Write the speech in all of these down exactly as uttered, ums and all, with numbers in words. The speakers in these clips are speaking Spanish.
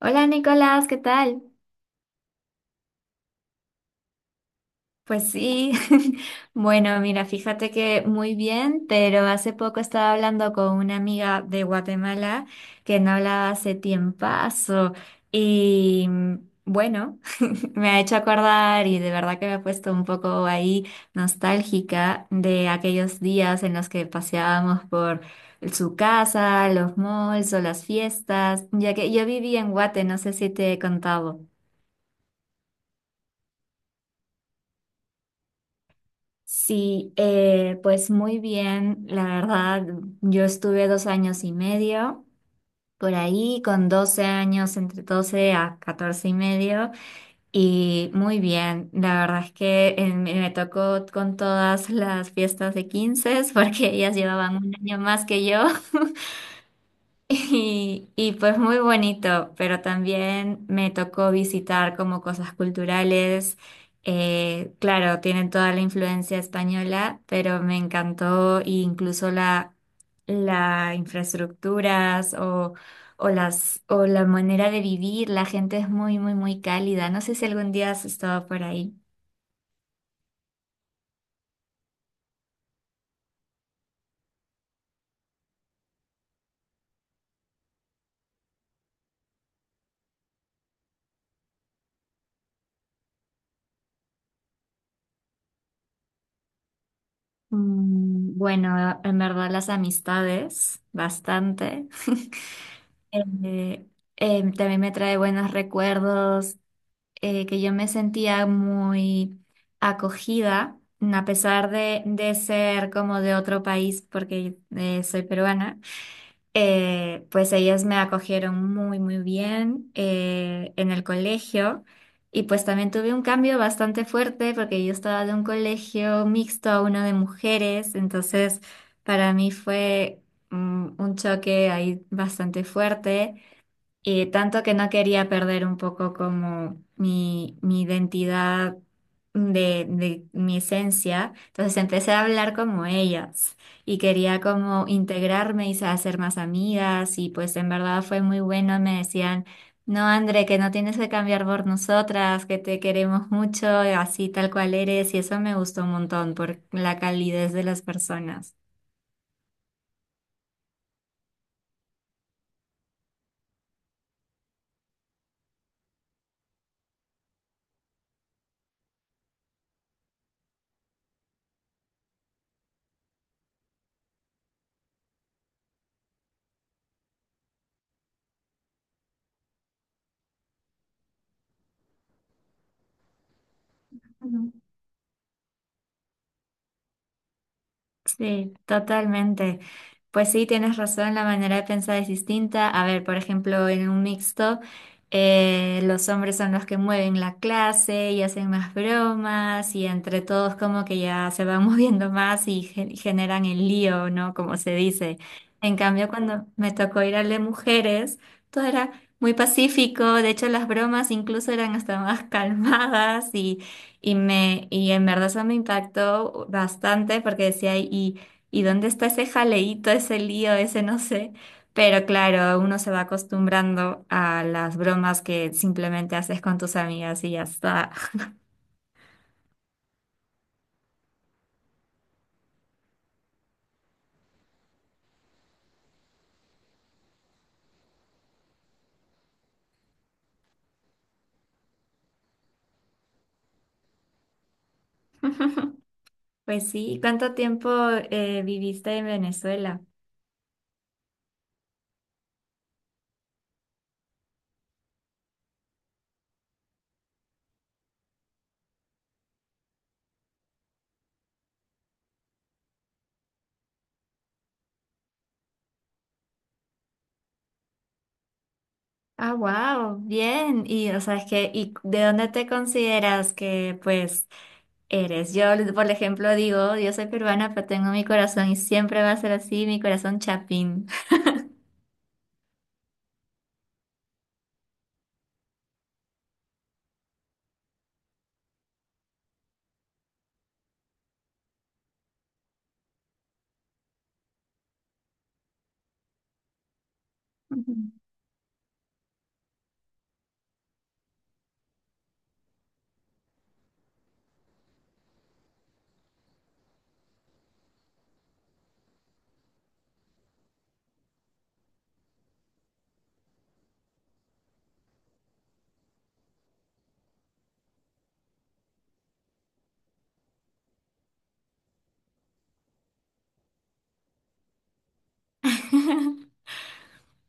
Hola Nicolás, ¿qué tal? Pues sí, bueno, mira, fíjate que muy bien, pero hace poco estaba hablando con una amiga de Guatemala que no hablaba hace tiempazo y mm, bueno, me ha hecho acordar y de verdad que me ha puesto un poco ahí nostálgica de aquellos días en los que paseábamos por su casa, los malls o las fiestas, ya que yo viví en Guate, no sé si te he contado. Sí, eh, pues muy bien, la verdad, yo estuve dos años y medio por ahí, con doce años, entre doce a catorce y medio, y muy bien, la verdad es que eh, me me tocó con todas las fiestas de quince, porque ellas llevaban un año más que yo. Y, y pues muy bonito, pero también me tocó visitar como cosas culturales. Eh, claro, tienen toda la influencia española, pero me encantó e incluso la, la infraestructuras o, o las, o la manera de vivir. La gente es muy, muy, muy cálida. No sé si algún día has estado por ahí. Mm, Bueno, en verdad las amistades, bastante. Eh, eh, también me trae buenos recuerdos, eh, que yo me sentía muy acogida, a pesar de, de ser como de otro país, porque eh, soy peruana. Eh, pues ellas me acogieron muy, muy bien eh, en el colegio. Y pues también tuve un cambio bastante fuerte porque yo estaba de un colegio mixto a uno de mujeres, entonces para mí fue mm, un choque ahí bastante fuerte. Y tanto que no quería perder un poco como mi, mi identidad de, de mi esencia. Entonces empecé a hablar como ellas y quería como integrarme y sa- hacer más amigas y pues en verdad fue muy bueno. Me decían, no, André, que no tienes que cambiar por nosotras, que te queremos mucho, así tal cual eres. Y eso me gustó un montón por la calidez de las personas. Sí, totalmente. Pues sí, tienes razón, la manera de pensar es distinta. A ver, por ejemplo, en un mixto, eh, los hombres son los que mueven la clase y hacen más bromas y entre todos como que ya se van moviendo más y gen- generan el lío, ¿no? Como se dice. En cambio, cuando me tocó ir al de mujeres, todo era muy pacífico. De hecho, las bromas incluso eran hasta más calmadas y me, y en verdad eso me impactó bastante porque decía, ¿y, y dónde está ese jaleíto, ese lío, ese no sé? Pero claro, uno se va acostumbrando a las bromas que simplemente haces con tus amigas y ya está. Pues sí, ¿cuánto tiempo eh, viviste en Venezuela? Ah, wow, bien. Y o sea, es que, ¿y de dónde te consideras que pues eres? Yo, por ejemplo, digo, yo soy peruana, pero tengo mi corazón y siempre va a ser así, mi corazón chapín. Ujú.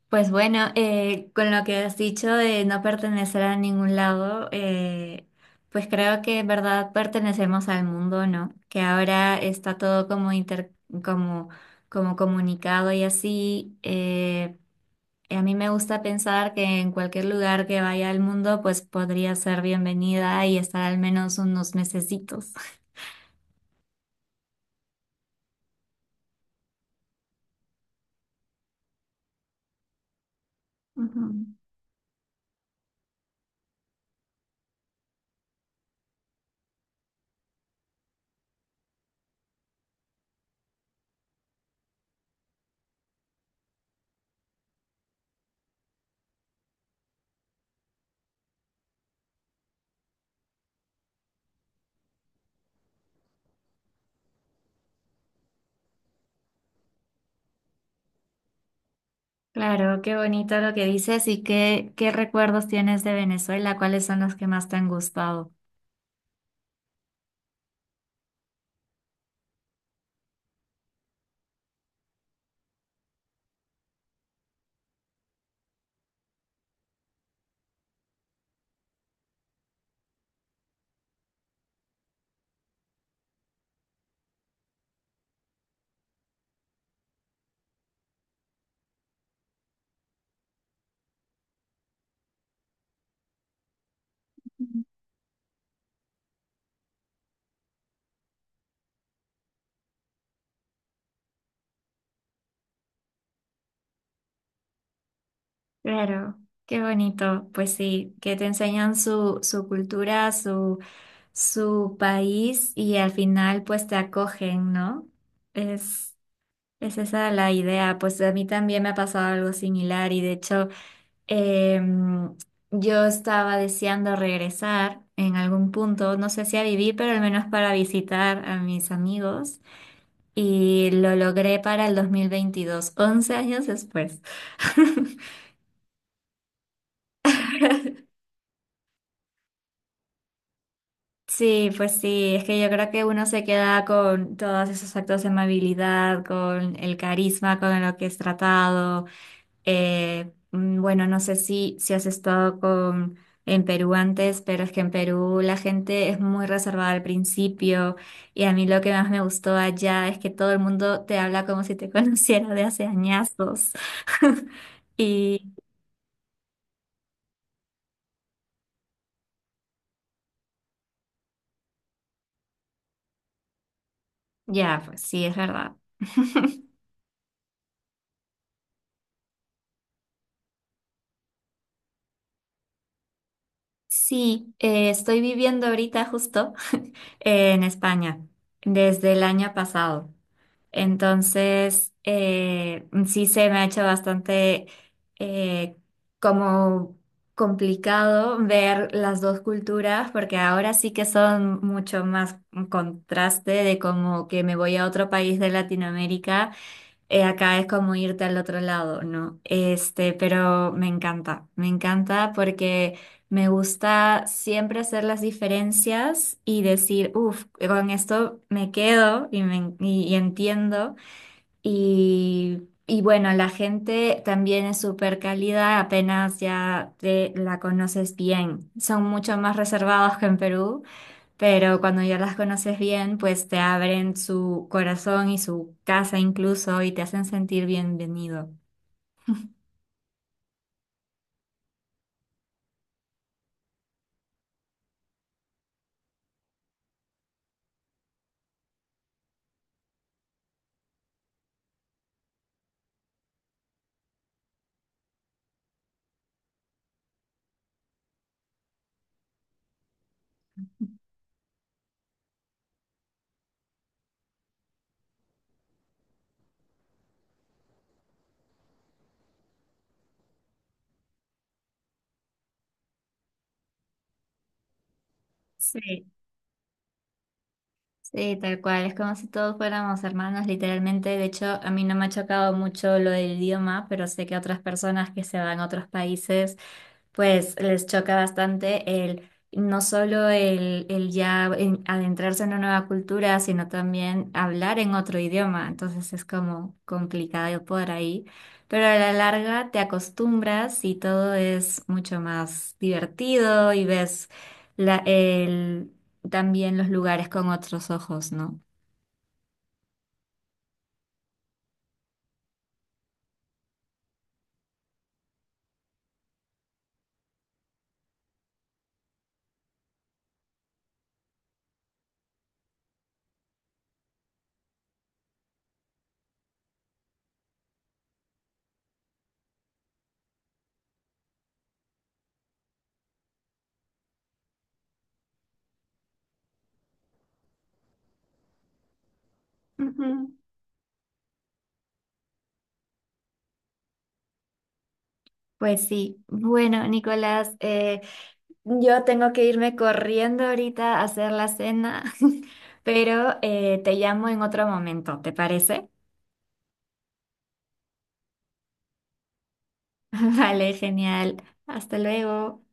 Pues bueno, eh, con lo que has dicho de no pertenecer a ningún lado, eh, pues creo que en verdad pertenecemos al mundo, ¿no? Que ahora está todo como inter- como, como comunicado y así. eh, a mí me gusta pensar que en cualquier lugar que vaya al mundo, pues podría ser bienvenida y estar al menos unos mesecitos. Ujú. Claro, qué bonito lo que dices y qué, qué recuerdos tienes de Venezuela, ¿cuáles son los que más te han gustado? Claro, qué bonito. Pues sí, que te enseñan su, su cultura, su, su país y al final pues te acogen, ¿no? Es, es esa la idea. Pues a mí también me ha pasado algo similar y de hecho em, yo estaba deseando regresar en algún punto, no sé si a vivir, pero al menos para visitar a mis amigos y lo logré para el dos mil veintidós, once años después. Sí, pues sí, es que yo creo que uno se queda con todos esos actos de amabilidad, con el carisma con lo que es tratado. Eh, mm, bueno, no sé si, si has estado con, en Perú antes, pero es que en Perú la gente es muy reservada al principio y a mí lo que más me gustó allá es que todo el mundo te habla como si te conociera de hace añazos. Y ya, pues sí, es verdad. Sí, eh, estoy viviendo ahorita justo en España desde el año pasado. Entonces, eh, sí se me ha hecho bastante eh, como complicado ver las dos culturas porque ahora sí que son mucho más un contraste de como que me voy a otro país de Latinoamérica. Eh, acá es como irte al otro lado, ¿no? Este, pero me encanta, me encanta porque me gusta siempre hacer las diferencias y decir, uff, con esto me quedo y, me, y, y entiendo. Y, y bueno, la gente también es súper cálida, apenas ya te la conoces bien. Son mucho más reservados que en Perú pero cuando ya las conoces bien, pues te abren su corazón y su casa incluso y te hacen sentir bienvenido. Sí. Sí, tal cual, es como si todos fuéramos hermanos, literalmente. De hecho, a mí no me ha chocado mucho lo del idioma, pero sé que a otras personas que se van a otros países, pues les choca bastante el, no solo el, el ya en- adentrarse en una nueva cultura, sino también hablar en otro idioma. Entonces es como complicado por ahí. Pero a la larga te acostumbras y todo es mucho más divertido y ves la, el también los lugares con otros ojos, ¿no? Ujú. Pues sí. Bueno, Nicolás, eh, yo tengo que irme corriendo ahorita a hacer la cena, pero eh, te llamo en otro momento, ¿te parece? Vale, genial. Hasta luego.